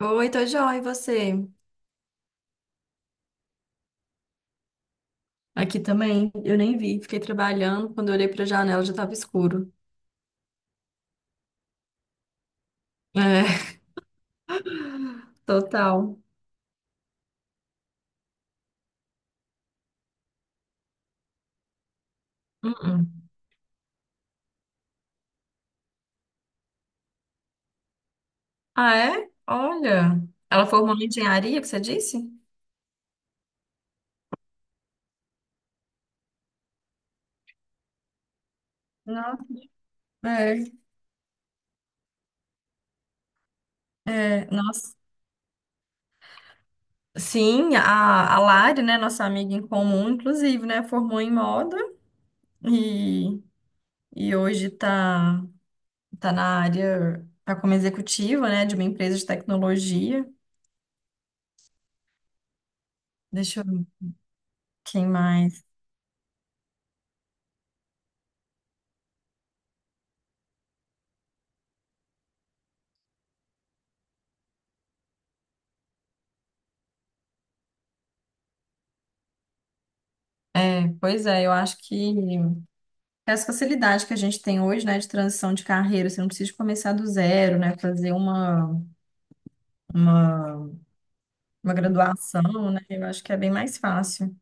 Oi, tô joia, e você? Aqui também, eu nem vi, fiquei trabalhando, quando eu olhei pra janela já tava escuro. É, total. Uh-uh. Ah, é? Olha, ela formou em engenharia, que você disse? Não. É, é, nossa. Sim, a Lari, né, nossa amiga em comum, inclusive, né, formou em moda e, e hoje tá na área, tá como executiva, né, de uma empresa de tecnologia. Deixa eu ver quem mais. É, pois é, eu acho que essa facilidade que a gente tem hoje, né, de transição de carreira, você não precisa começar do zero, né, fazer uma, uma graduação, né, eu acho que é bem mais fácil.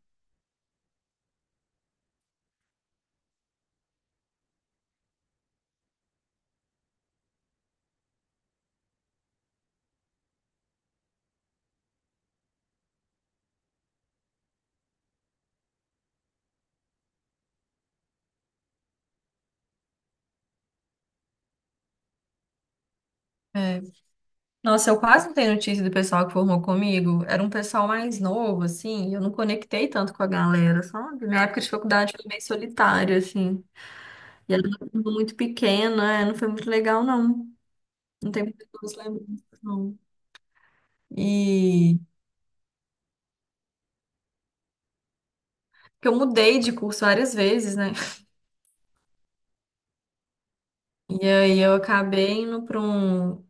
É. Nossa, eu quase não tenho notícia do pessoal que formou comigo. Era um pessoal mais novo, assim, e eu não conectei tanto com a galera, sabe? Minha época de faculdade foi bem solitária, assim. E era uma turma muito pequena, é, não foi muito legal, não. Não tem muitas lembranças, não. E porque eu mudei de curso várias vezes, né? E aí eu acabei indo para um.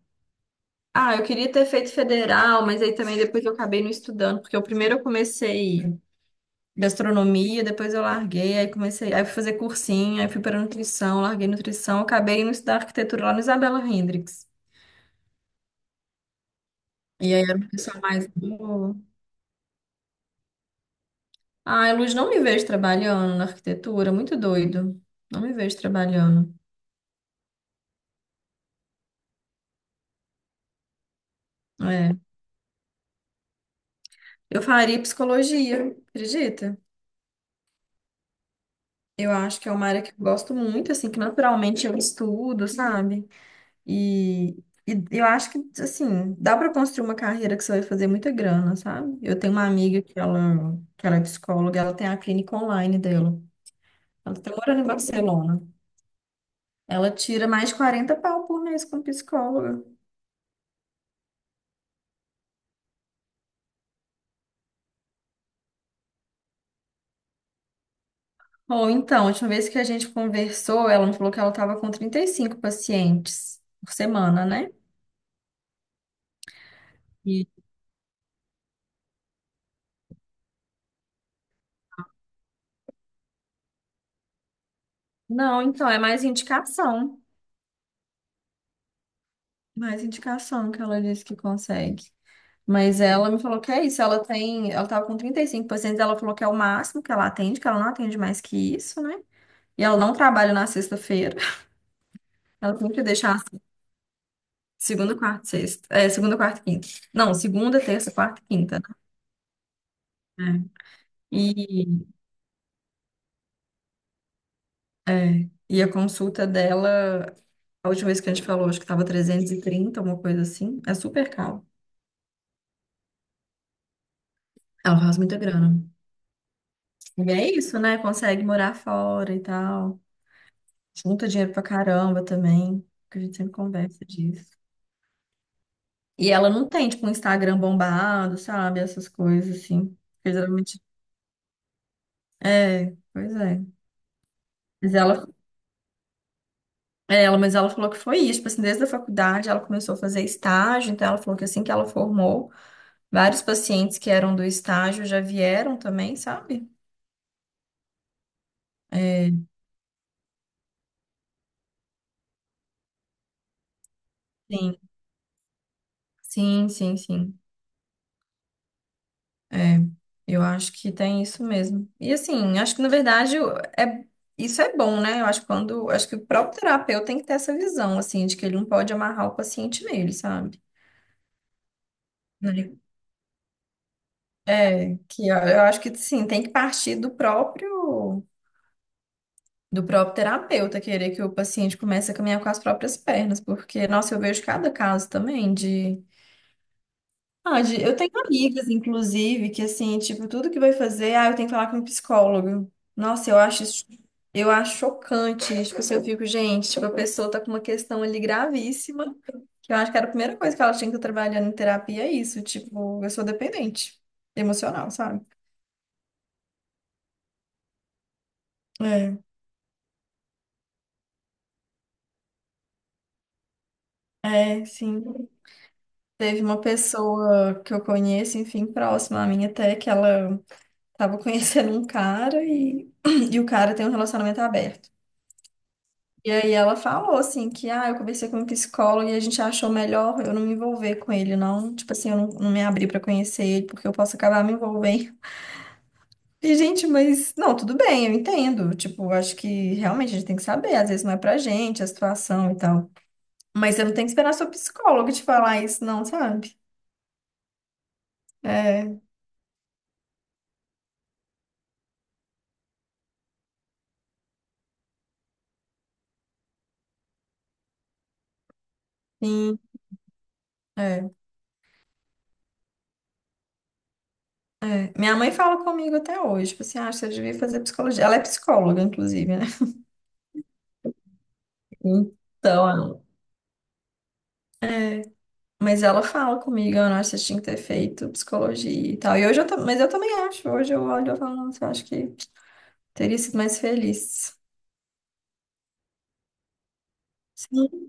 Ah, eu queria ter feito federal, mas aí também depois eu acabei não estudando, porque eu primeiro eu comecei gastronomia, depois eu larguei, aí comecei, aí eu fui fazer cursinho, aí fui para nutrição, larguei nutrição, acabei indo estudar arquitetura lá no Isabela Hendrix. E aí era um pessoal mais novo. Ai, Luz, não me vejo trabalhando na arquitetura, muito doido. Não me vejo trabalhando. É. Eu faria psicologia, acredita? Eu acho que é uma área que eu gosto muito, assim, que naturalmente eu estudo, sabe? E, e eu acho que, assim, dá para construir uma carreira que você vai fazer muita grana, sabe? Eu tenho uma amiga que ela é psicóloga, ela tem a clínica online dela. Ela está morando em Barcelona. Ela tira mais de 40 pau por mês como psicóloga. Ou então, a última vez que a gente conversou, ela me falou que ela estava com 35 pacientes por semana, né? E, não, então, é mais indicação. Mais indicação que ela disse que consegue. Mas ela me falou que é isso, ela tem, ela tava com 35%, ela falou que é o máximo que ela atende, que ela não atende mais que isso, né? E ela não trabalha na sexta-feira. Ela sempre deixa assim, segunda, quarta, e sexta. É, segunda, quarta e quinta. Não, segunda, terça, quarta e quinta, né? É. E, a consulta dela, a última vez que a gente falou, acho que tava 330, uma coisa assim. É super caro. Ela faz muita grana. E é isso, né? Consegue morar fora e tal. Junta dinheiro pra caramba também, que a gente sempre conversa disso. E ela não tem, tipo, um Instagram bombado, sabe? Essas coisas, assim. Porque geralmente. É, pois é. Mas ela falou que foi isso. Tipo assim, desde a faculdade ela começou a fazer estágio, então ela falou que assim que ela formou, vários pacientes que eram do estágio já vieram também, sabe? É, sim, sim, sim, sim. É, eu acho que tem isso mesmo. E assim, acho que na verdade é, isso é bom, né? Eu acho que quando, acho que o próprio terapeuta tem que ter essa visão, assim, de que ele não pode amarrar o paciente nele, sabe? Né? É, que eu acho que sim, tem que partir do próprio terapeuta querer que o paciente comece a caminhar com as próprias pernas, porque, nossa, eu vejo cada caso também de Pode. Eu tenho amigas, inclusive, que assim, tipo, tudo que vai fazer, ah, eu tenho que falar com um psicólogo. Nossa, eu acho isso, eu acho chocante. Tipo, assim, eu fico, gente, tipo, a pessoa tá com uma questão ali gravíssima, que eu acho que era a primeira coisa que ela tinha que estar trabalhando em terapia, é isso, tipo, eu sou dependente emocional, sabe? É, é, sim. Teve uma pessoa que eu conheço, enfim, próxima a mim até, que ela tava conhecendo um cara e, e o cara tem um relacionamento aberto. E aí ela falou assim que ah, eu conversei com um psicólogo e a gente achou melhor eu não me envolver com ele, não. Tipo assim, eu não, não me abrir pra conhecer ele porque eu posso acabar me envolvendo. E, gente, mas não, tudo bem, eu entendo. Tipo, eu acho que realmente a gente tem que saber, às vezes não é pra gente a situação e tal. Mas você não tem que esperar seu psicólogo te falar isso, não, sabe? É, sim, é, é. Minha mãe fala comigo até hoje, tipo assim, ah, você devia fazer psicologia. Ela é psicóloga, inclusive, né? Então, mas ela fala comigo, eu não acho que você tinha que ter feito psicologia e tal. E hoje eu, mas eu também acho, hoje eu olho e falo, nossa, eu acho que teria sido mais feliz. Sim,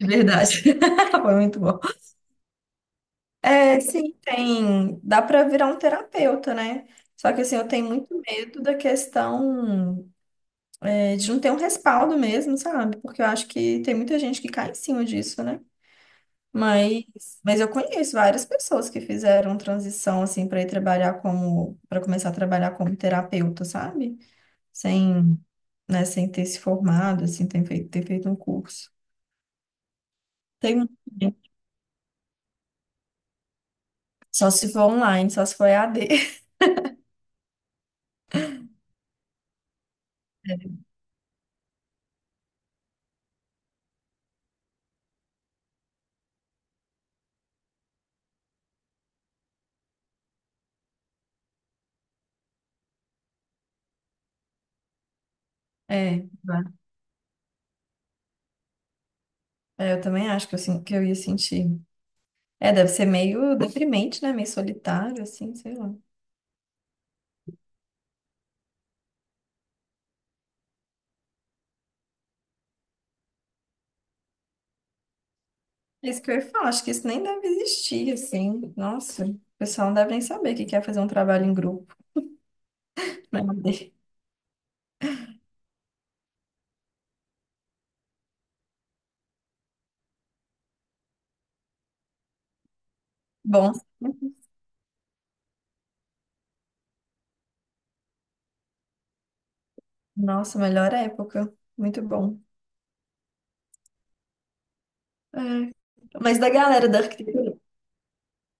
de verdade. Foi muito bom. É, sim, tem. Dá pra virar um terapeuta, né? Só que assim, eu tenho muito medo da questão é, de não ter um respaldo mesmo, sabe? Porque eu acho que tem muita gente que cai em cima disso, né? Mas, mas eu conheço várias pessoas que fizeram transição assim para ir trabalhar como para começar a trabalhar como terapeuta, sabe? Sem, né, sem ter se formado, assim, ter feito um curso. Tem um- Só se for online, só se for EAD. É, vai. É, eu também acho que eu, que eu ia sentir. É, deve ser meio deprimente, né? Meio solitário, assim, sei lá. É isso que eu ia falar, acho que isso nem deve existir, assim. Nossa, o pessoal não deve nem saber o que que é fazer um trabalho em grupo, né? Bom. Nossa, melhor época. Muito bom. É. Mas da galera da arquitetura,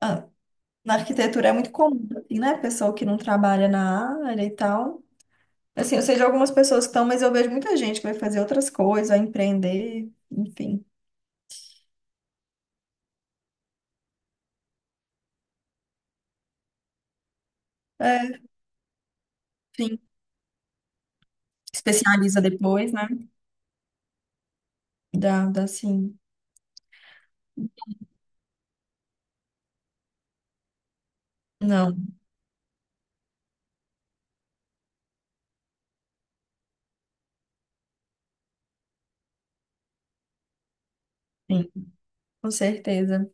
ah, na arquitetura é muito comum, assim, né? Pessoa que não trabalha na área e tal. Assim, eu sei de algumas pessoas que estão, mas eu vejo muita gente que vai fazer outras coisas, vai empreender, enfim. É, enfim, especializa depois, né? Dá, dá sim. Não, sim, com certeza.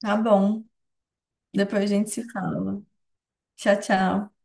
Tá bom. Depois a gente se fala. Tchau, tchau.